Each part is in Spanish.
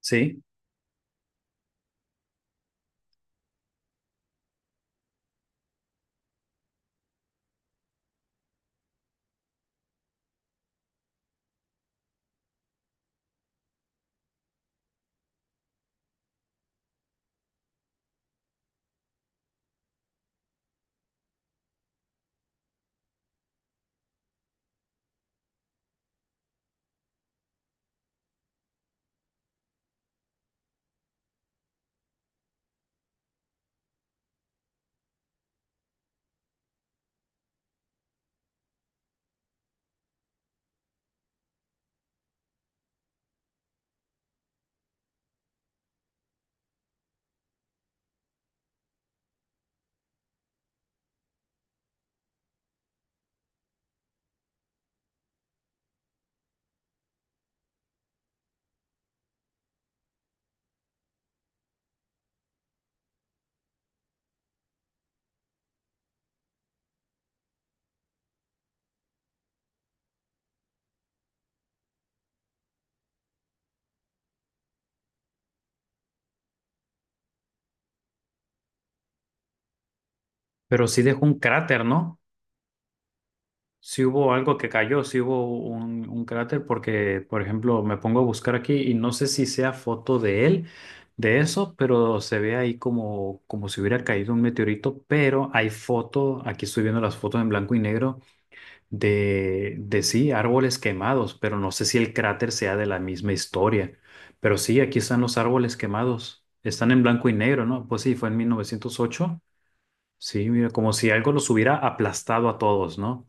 Sí, pero sí dejó un cráter, ¿no? Sí hubo algo que cayó, sí hubo un cráter porque, por ejemplo, me pongo a buscar aquí y no sé si sea foto de él, de eso, pero se ve ahí como, como si hubiera caído un meteorito, pero hay foto, aquí estoy viendo las fotos en blanco y negro de sí, árboles quemados, pero no sé si el cráter sea de la misma historia. Pero sí, aquí están los árboles quemados, están en blanco y negro, ¿no? Pues sí, fue en 1908. Sí, mira, como si algo los hubiera aplastado a todos, ¿no?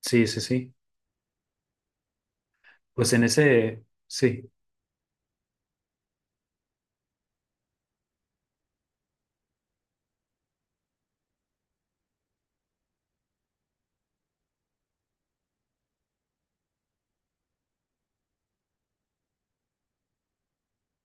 Sí, sí, sí. Pues en ese, sí,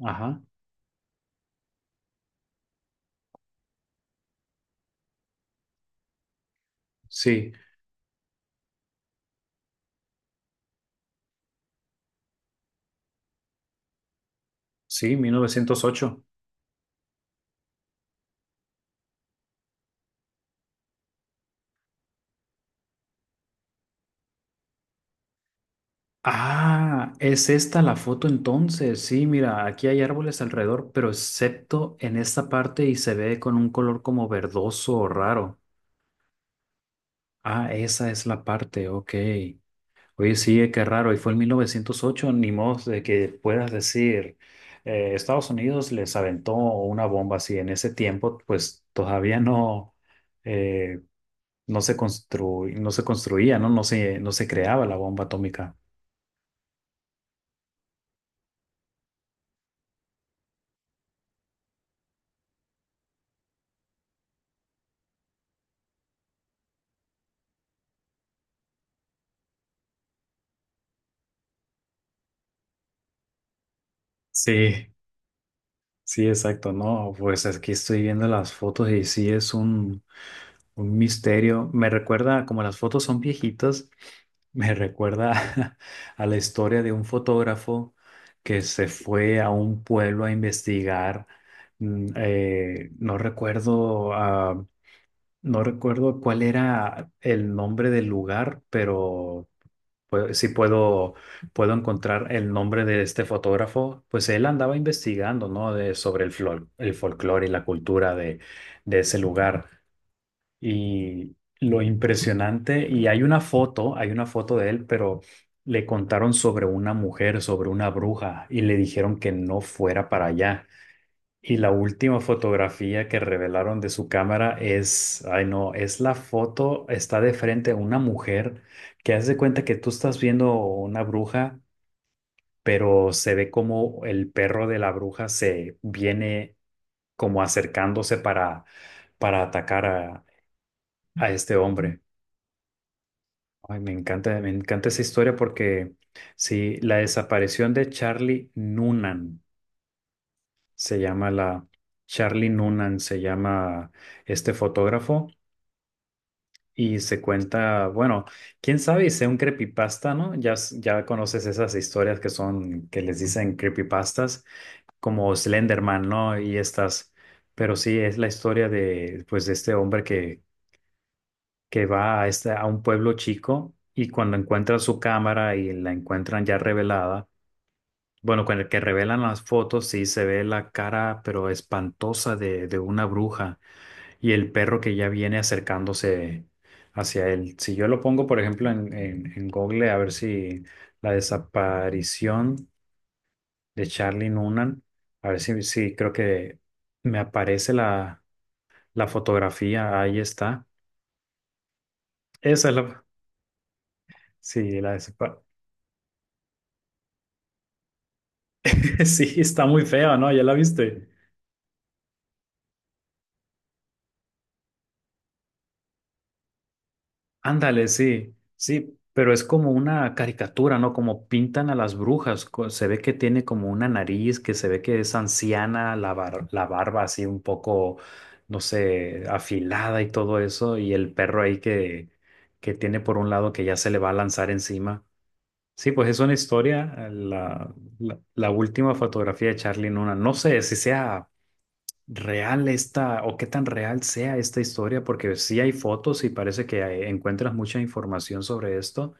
ajá, sí, sí, 1908. Ah, es esta la foto entonces. Sí, mira, aquí hay árboles alrededor, pero excepto en esta parte y se ve con un color como verdoso o raro. Ah, esa es la parte, ok. Oye, sí, qué raro. Y fue en 1908 ni modo de que puedas decir, Estados Unidos les aventó una bomba así. En ese tiempo, pues todavía no, eh, no se constru- no se construía, ¿no? No se creaba la bomba atómica. Sí, sí, exacto, ¿no? Pues aquí estoy viendo las fotos y sí es un misterio. Me recuerda como las fotos son viejitas. Me recuerda a la historia de un fotógrafo que se fue a un pueblo a investigar, no recuerdo, no recuerdo cuál era el nombre del lugar, pero pues, sí puedo, puedo encontrar el nombre de este fotógrafo. Pues él andaba investigando, ¿no? De, sobre el, flor, el folclore y la cultura de ese lugar y lo impresionante, y hay una foto de él, pero le contaron sobre una mujer, sobre una bruja, y le dijeron que no fuera para allá. Y la última fotografía que revelaron de su cámara es, ay no, es la foto, está de frente a una mujer que hace de cuenta que tú estás viendo una bruja, pero se ve como el perro de la bruja se viene como acercándose para atacar a este hombre. Ay, me encanta esa historia porque sí, la desaparición de Charlie Noonan se llama la Charlie Noonan se llama este fotógrafo y se cuenta, bueno, quién sabe, y sea un creepypasta, ¿no? Ya, s- ya conoces esas historias que son, que les dicen creepypastas, como Slenderman, ¿no? Y estas, pero sí, es la historia de, pues, de este hombre que va a, este, a un pueblo chico y cuando encuentra su cámara y la encuentran ya revelada, bueno, con el que revelan las fotos, sí se ve la cara, pero espantosa de una bruja y el perro que ya viene acercándose hacia él. Si yo lo pongo, por ejemplo, en Google, a ver si la desaparición de Charlie Noonan, a ver si, si creo que me aparece la, la fotografía, ahí está. Esa es la, sí, la desaparición. Sí, está muy fea, ¿no? ¿Ya la viste? Ándale, sí, sí, pero es como una caricatura, ¿no? Como pintan a las brujas. Co- Se ve que tiene como una nariz, que se ve que es anciana, la bar- la barba así un poco, no sé, afilada y todo eso, y el perro ahí que tiene por un lado que ya se le va a lanzar encima. Sí, pues es una historia, la última fotografía de Charlie Nuna. No sé si sea real esta o qué tan real sea esta historia, porque sí hay fotos y parece que hay- encuentras mucha información sobre esto,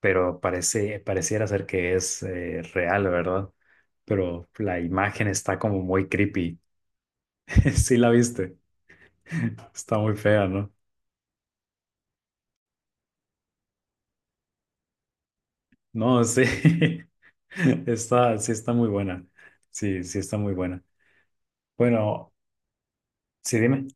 pero parece, pareciera ser que es real, ¿verdad? Pero la imagen está como muy creepy. Sí la viste. Está muy fea, ¿no? No, sí. Está, sí está muy buena. Sí, sí está muy buena. Bueno, sí, dime.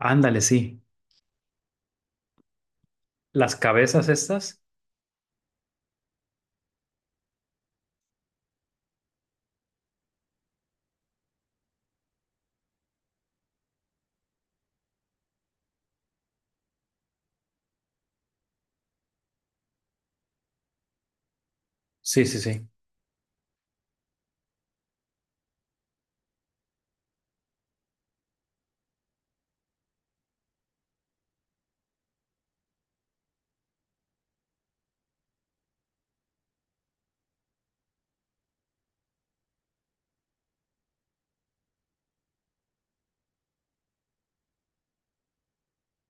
Ándale, sí. Las cabezas estas. Sí, sí, sí.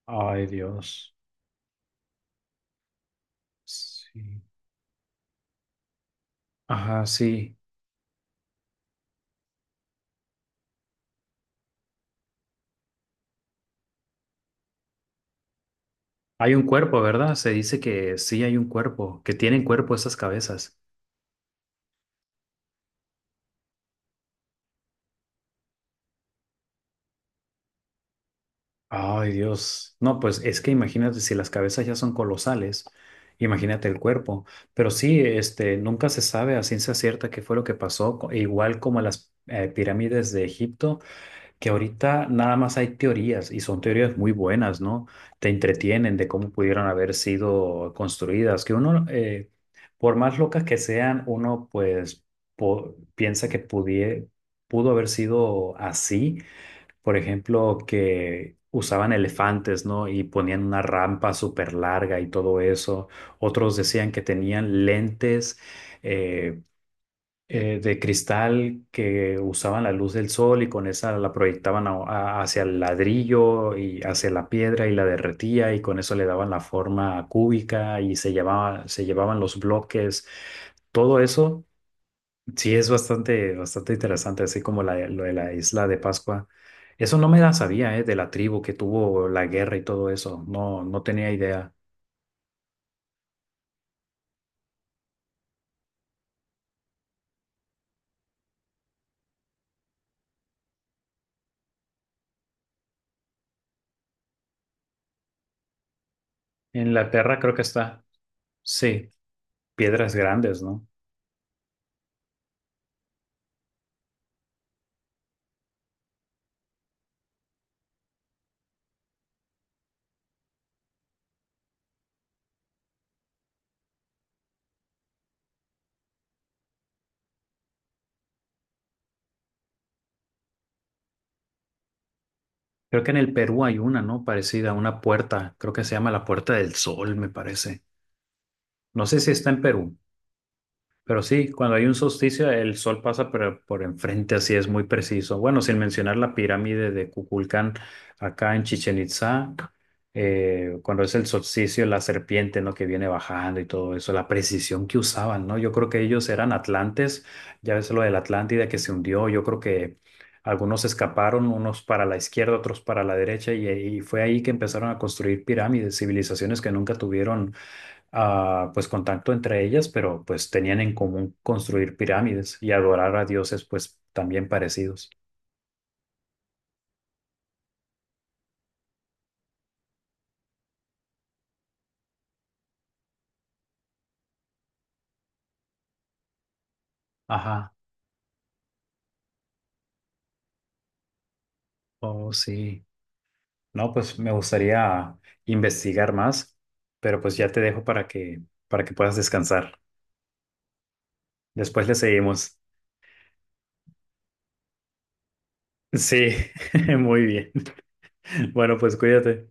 Ay, Dios. Sí. Ajá, sí. Hay un cuerpo, ¿verdad? Se dice que sí hay un cuerpo, que tienen cuerpo esas cabezas. Ay, Dios. No, pues es que imagínate, si las cabezas ya son colosales, imagínate el cuerpo. Pero sí, este, nunca se sabe a ciencia cierta qué fue lo que pasó, co- igual como las pirámides de Egipto. Que ahorita nada más hay teorías y son teorías muy buenas, ¿no? Te entretienen de cómo pudieron haber sido construidas, que uno, por más locas que sean, uno pues po- piensa que pudie- pudo haber sido así, por ejemplo, que usaban elefantes, ¿no? Y ponían una rampa súper larga y todo eso. Otros decían que tenían lentes. eh, de cristal que usaban la luz del sol y con esa la proyectaban a- hacia el ladrillo y hacia la piedra y la derretía y con eso le daban la forma cúbica y se llevaba, se llevaban los bloques. Todo eso sí es bastante, bastante interesante, así como la, lo de la isla de Pascua. Eso no me la sabía, de la tribu que tuvo la guerra y todo eso. No, no tenía idea. En Inglaterra creo que está. Sí, piedras grandes, ¿no? Creo que en el Perú hay una, ¿no? Parecida, una puerta. Creo que se llama la Puerta del Sol, me parece. No sé si está en Perú. Pero sí, cuando hay un solsticio, el sol pasa por enfrente, así es muy preciso. Bueno, sin mencionar la pirámide de Kukulcán acá en Chichen Itzá, cuando es el solsticio, la serpiente, ¿no? Que viene bajando y todo eso, la precisión que usaban, ¿no? Yo creo que ellos eran atlantes, ya ves lo de la Atlántida que se hundió, yo creo que algunos escaparon, unos para la izquierda, otros para la derecha, y fue ahí que empezaron a construir pirámides, civilizaciones que nunca tuvieron pues contacto entre ellas, pero pues tenían en común construir pirámides y adorar a dioses pues también parecidos. Ajá, oh sí. No, pues me gustaría investigar más, pero pues ya te dejo para que puedas descansar. Después le seguimos. Sí, muy bien. Bueno, pues cuídate.